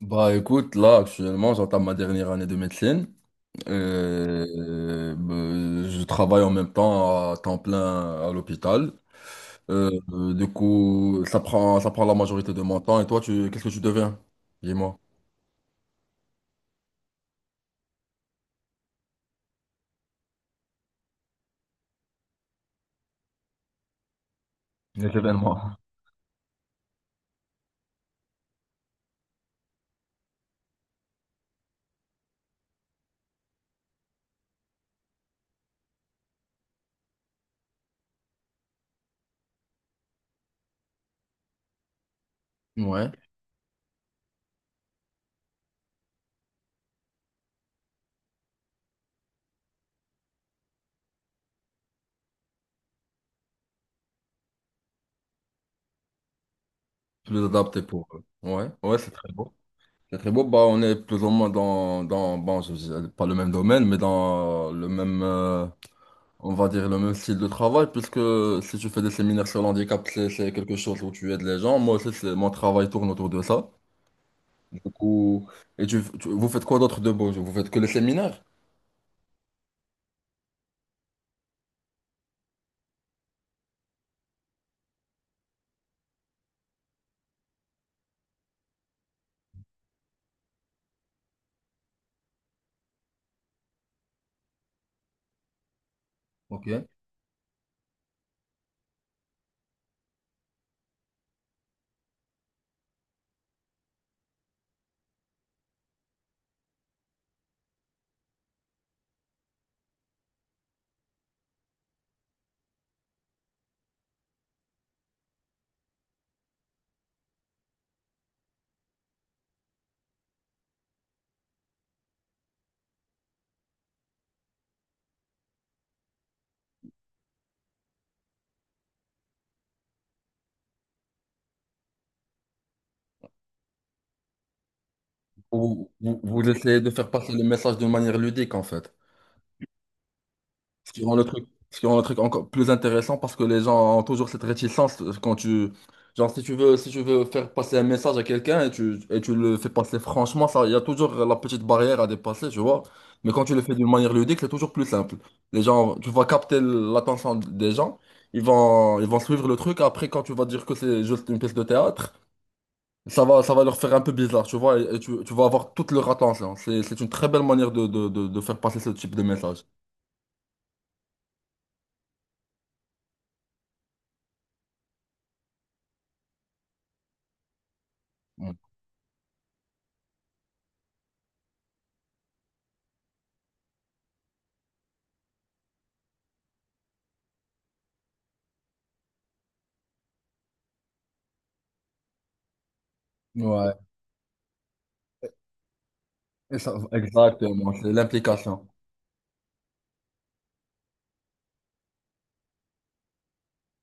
Bah écoute, là actuellement j'entame ma dernière année de médecine. Bah, je travaille en même temps à temps plein à l'hôpital. Du coup, ça prend la majorité de mon temps. Et toi, qu'est-ce que tu deviens? Dis-moi. Les événements. Ouais. Plus adapté pour eux. Ouais, ouais, c'est très beau. C'est très beau. Bah, on est plus ou moins bon, pas le même domaine, mais dans le même, on va dire le même style de travail, puisque si tu fais des séminaires sur l'handicap, c'est quelque chose où tu aides les gens. Moi aussi, mon travail tourne autour de ça. Du coup, vous faites quoi d'autre de beau? Vous faites que les séminaires? Ok. Ou vous essayez de faire passer le message de manière ludique, en fait? Ce qui rend le truc, ce qui rend le truc encore plus intéressant parce que les gens ont toujours cette réticence quand tu, genre si tu veux faire passer un message à quelqu'un et tu le fais passer franchement, ça, il y a toujours la petite barrière à dépasser, tu vois. Mais quand tu le fais d'une manière ludique, c'est toujours plus simple. Les gens, tu vas capter l'attention des gens, ils vont suivre le truc. Après, quand tu vas dire que c'est juste une pièce de théâtre, ça va leur faire un peu bizarre, tu vois. Et tu vas avoir toute leur attention. C'est une très belle manière de faire passer ce type de message. Mm. Ouais. Exactement, c'est l'implication.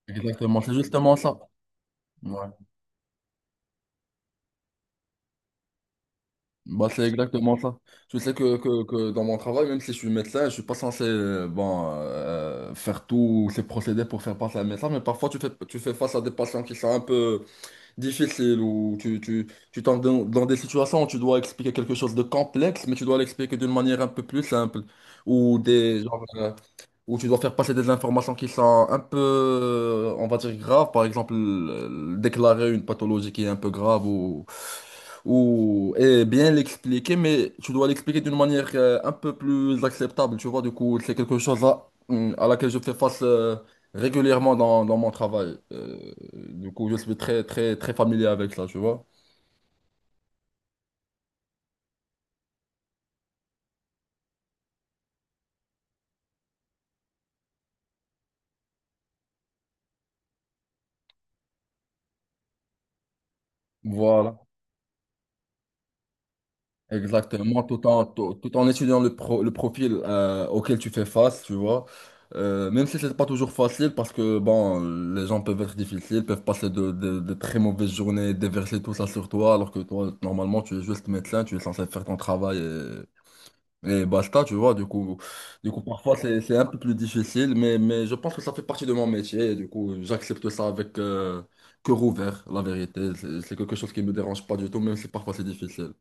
Exactement, c'est justement ça. Ouais. Bah, c'est exactement ça. Je sais que dans mon travail, même si je suis médecin, je suis pas censé bon, faire tous ces procédés pour faire passer un message, mais parfois tu fais face à des patients qui sont un peu difficiles ou dans des situations où tu dois expliquer quelque chose de complexe, mais tu dois l'expliquer d'une manière un peu plus simple. Ou genre, où tu dois faire passer des informations qui sont un peu, on va dire, graves, par exemple, déclarer une pathologie qui est un peu grave ou et bien l'expliquer, mais tu dois l'expliquer d'une manière un peu plus acceptable, tu vois, du coup, c'est quelque chose à laquelle je fais face régulièrement dans mon travail. Du coup, je suis très, très, très familier avec ça, tu vois. Voilà. Exactement, tout en étudiant le profil auquel tu fais face, tu vois. Même si c'est pas toujours facile, parce que bon, les gens peuvent être difficiles, peuvent passer de très mauvaises journées, déverser tout ça sur toi, alors que toi, normalement, tu es juste médecin, tu es censé faire ton travail et basta, tu vois. Du coup parfois, c'est un peu plus difficile, mais je pense que ça fait partie de mon métier, et du coup, j'accepte ça avec cœur ouvert, la vérité. C'est quelque chose qui me dérange pas du tout, même si parfois c'est difficile.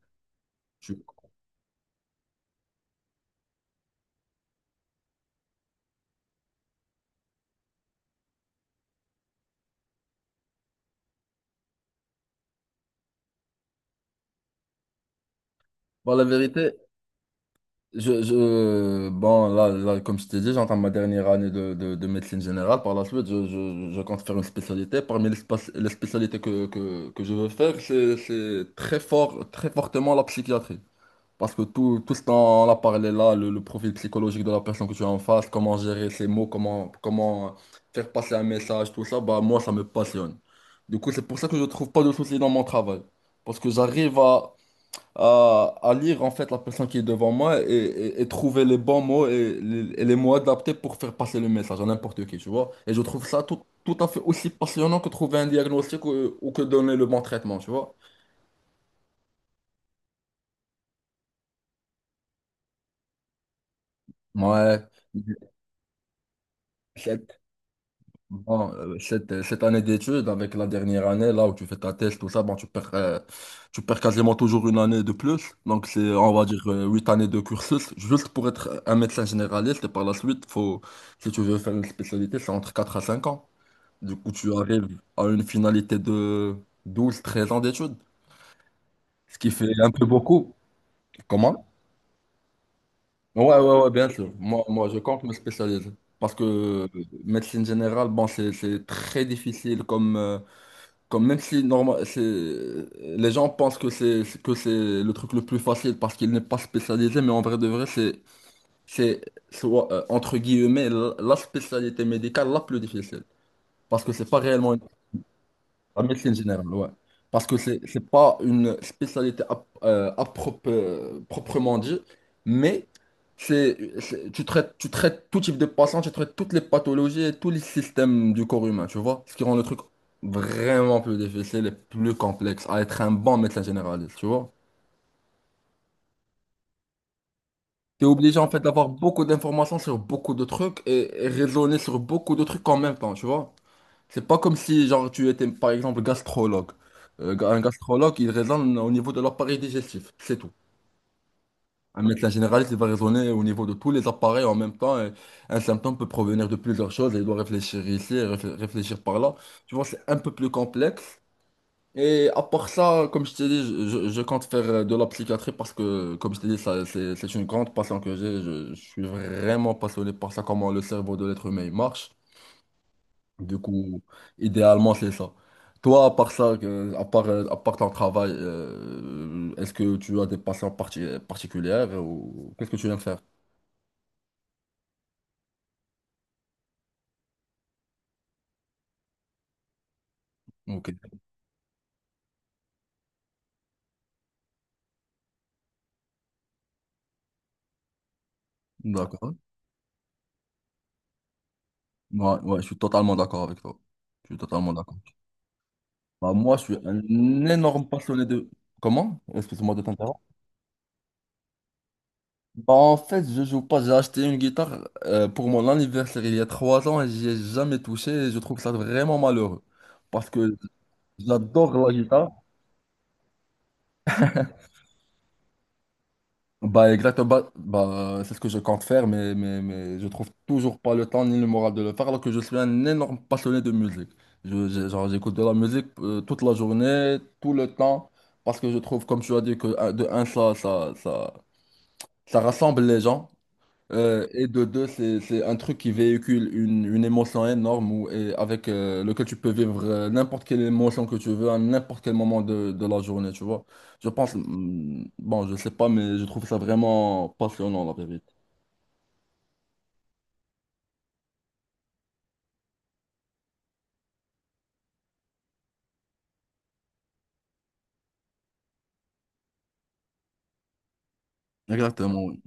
Bon, la vérité, bon, là, comme je t'ai dit, j'entends ma dernière année de médecine générale. Par la suite, je compte faire une spécialité. Parmi les spécialités que je veux faire, c'est très fort, très fortement la psychiatrie. Parce que tout ce dont on a parlé là, le profil psychologique de la personne que tu as en face, comment gérer ses mots, comment faire passer un message, tout ça, bah, moi, ça me passionne. Du coup, c'est pour ça que je trouve pas de soucis dans mon travail. Parce que j'arrive à, lire en fait la personne qui est devant moi et, et trouver les bons mots et les mots adaptés pour faire passer le message à n'importe qui, tu vois. Et je trouve ça tout à fait aussi passionnant que trouver un diagnostic ou que donner le bon traitement, tu vois. Ouais. Bon, cette année d'études, avec la dernière année, là où tu fais ta thèse, tout ça, bon, tu perds quasiment toujours une année de plus. Donc, c'est, on va dire, 8 années de cursus, juste pour être un médecin généraliste. Et par la suite, si tu veux faire une spécialité, c'est entre 4 à 5 ans. Du coup, tu arrives à une finalité de 12-13 ans d'études, ce qui fait un peu beaucoup. Comment? Ouais, ouais, ouais, bien sûr. Moi, je compte me spécialiser. Parce que médecine générale, bon, c'est très difficile comme même si normal, c'est les gens pensent que c'est le truc le plus facile parce qu'il n'est pas spécialisé, mais en vrai de vrai, c'est soit entre guillemets la spécialité médicale la plus difficile parce que c'est pas, réellement la médecine générale, ouais. Parce que c'est pas une spécialité proprement dit, mais tu traites tout type de patient, tu traites toutes les pathologies et tous les systèmes du corps humain, tu vois? Ce qui rend le truc vraiment plus difficile et plus complexe à être un bon médecin généraliste, tu vois? T'es obligé en fait d'avoir beaucoup d'informations sur beaucoup de trucs et raisonner sur beaucoup de trucs en même temps, tu vois? C'est pas comme si, genre, tu étais, par exemple, gastrologue. Un gastrologue, il raisonne au niveau de l'appareil digestif, c'est tout. Un médecin généraliste, il va raisonner au niveau de tous les appareils en même temps, et un symptôme peut provenir de plusieurs choses et il doit réfléchir ici, et réfléchir par là. Tu vois, c'est un peu plus complexe. Et à part ça, comme je t'ai dit, je compte faire de la psychiatrie parce que, comme je t'ai dit, ça, c'est une grande passion que j'ai. Je suis vraiment passionné par ça, comment le cerveau de l'être humain il marche. Du coup, idéalement, c'est ça. Toi, à part ça, à part ton travail, est-ce que tu as des passions particulières ou qu'est-ce que tu aimes faire? Ok, d'accord. Ouais, ouais, je suis totalement d'accord avec toi. Je suis totalement d'accord. Bah, moi, je suis un énorme passionné de... Comment? Excuse-moi de t'interrompre. Bah, en fait, je joue pas. J'ai acheté une guitare pour mon anniversaire il y a 3 ans et j'y ai jamais touché et je trouve ça vraiment malheureux. Parce que j'adore la guitare. Bah exactement, c'est ce que je compte faire, mais je trouve toujours pas le temps ni le moral de le faire, alors que je suis un énorme passionné de musique. Genre, j'écoute de la musique toute la journée, tout le temps, parce que je trouve, comme tu as dit, que de un, ça rassemble les gens. Et de deux, c'est un truc qui véhicule une émotion énorme et avec lequel tu peux vivre n'importe quelle émotion que tu veux à n'importe quel moment de la journée, tu vois. Je pense, bon, je sais pas, mais je trouve ça vraiment passionnant, la vérité. Exactement. Oui.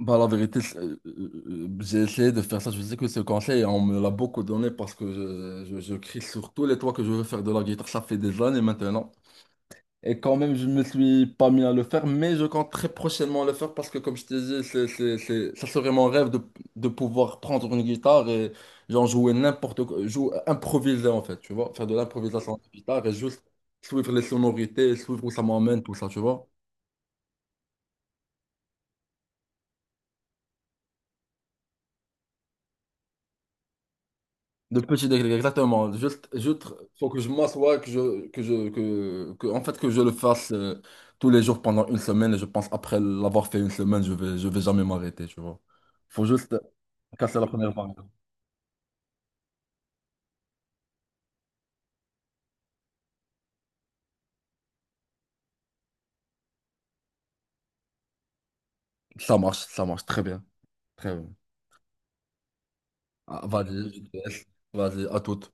Bah, la vérité, j'ai essayé de faire ça. Je sais que ce conseil, on me l'a beaucoup donné parce que je crie sur tous les toits que je veux faire de la guitare. Ça fait des années maintenant. Et quand même, je me suis pas mis à le faire, mais je compte très prochainement le faire parce que, comme je t'ai dit, ça serait mon rêve de pouvoir prendre une guitare et genre jouer n'importe quoi, jouer, improviser en fait, tu vois, faire de l'improvisation de guitare et juste suivre les sonorités, suivre où ça m'emmène, tout ça, tu vois. De petit degré, exactement. Juste, faut que je m'assoie, que je, que je, que- en fait, que je le fasse tous les jours pendant une semaine et je pense après l'avoir fait une semaine, je vais jamais m'arrêter, tu vois. Faut juste casser la première barre. Ça marche très bien. Très bien. Ah, vas-y, je te laisse. Vas-y, à toute.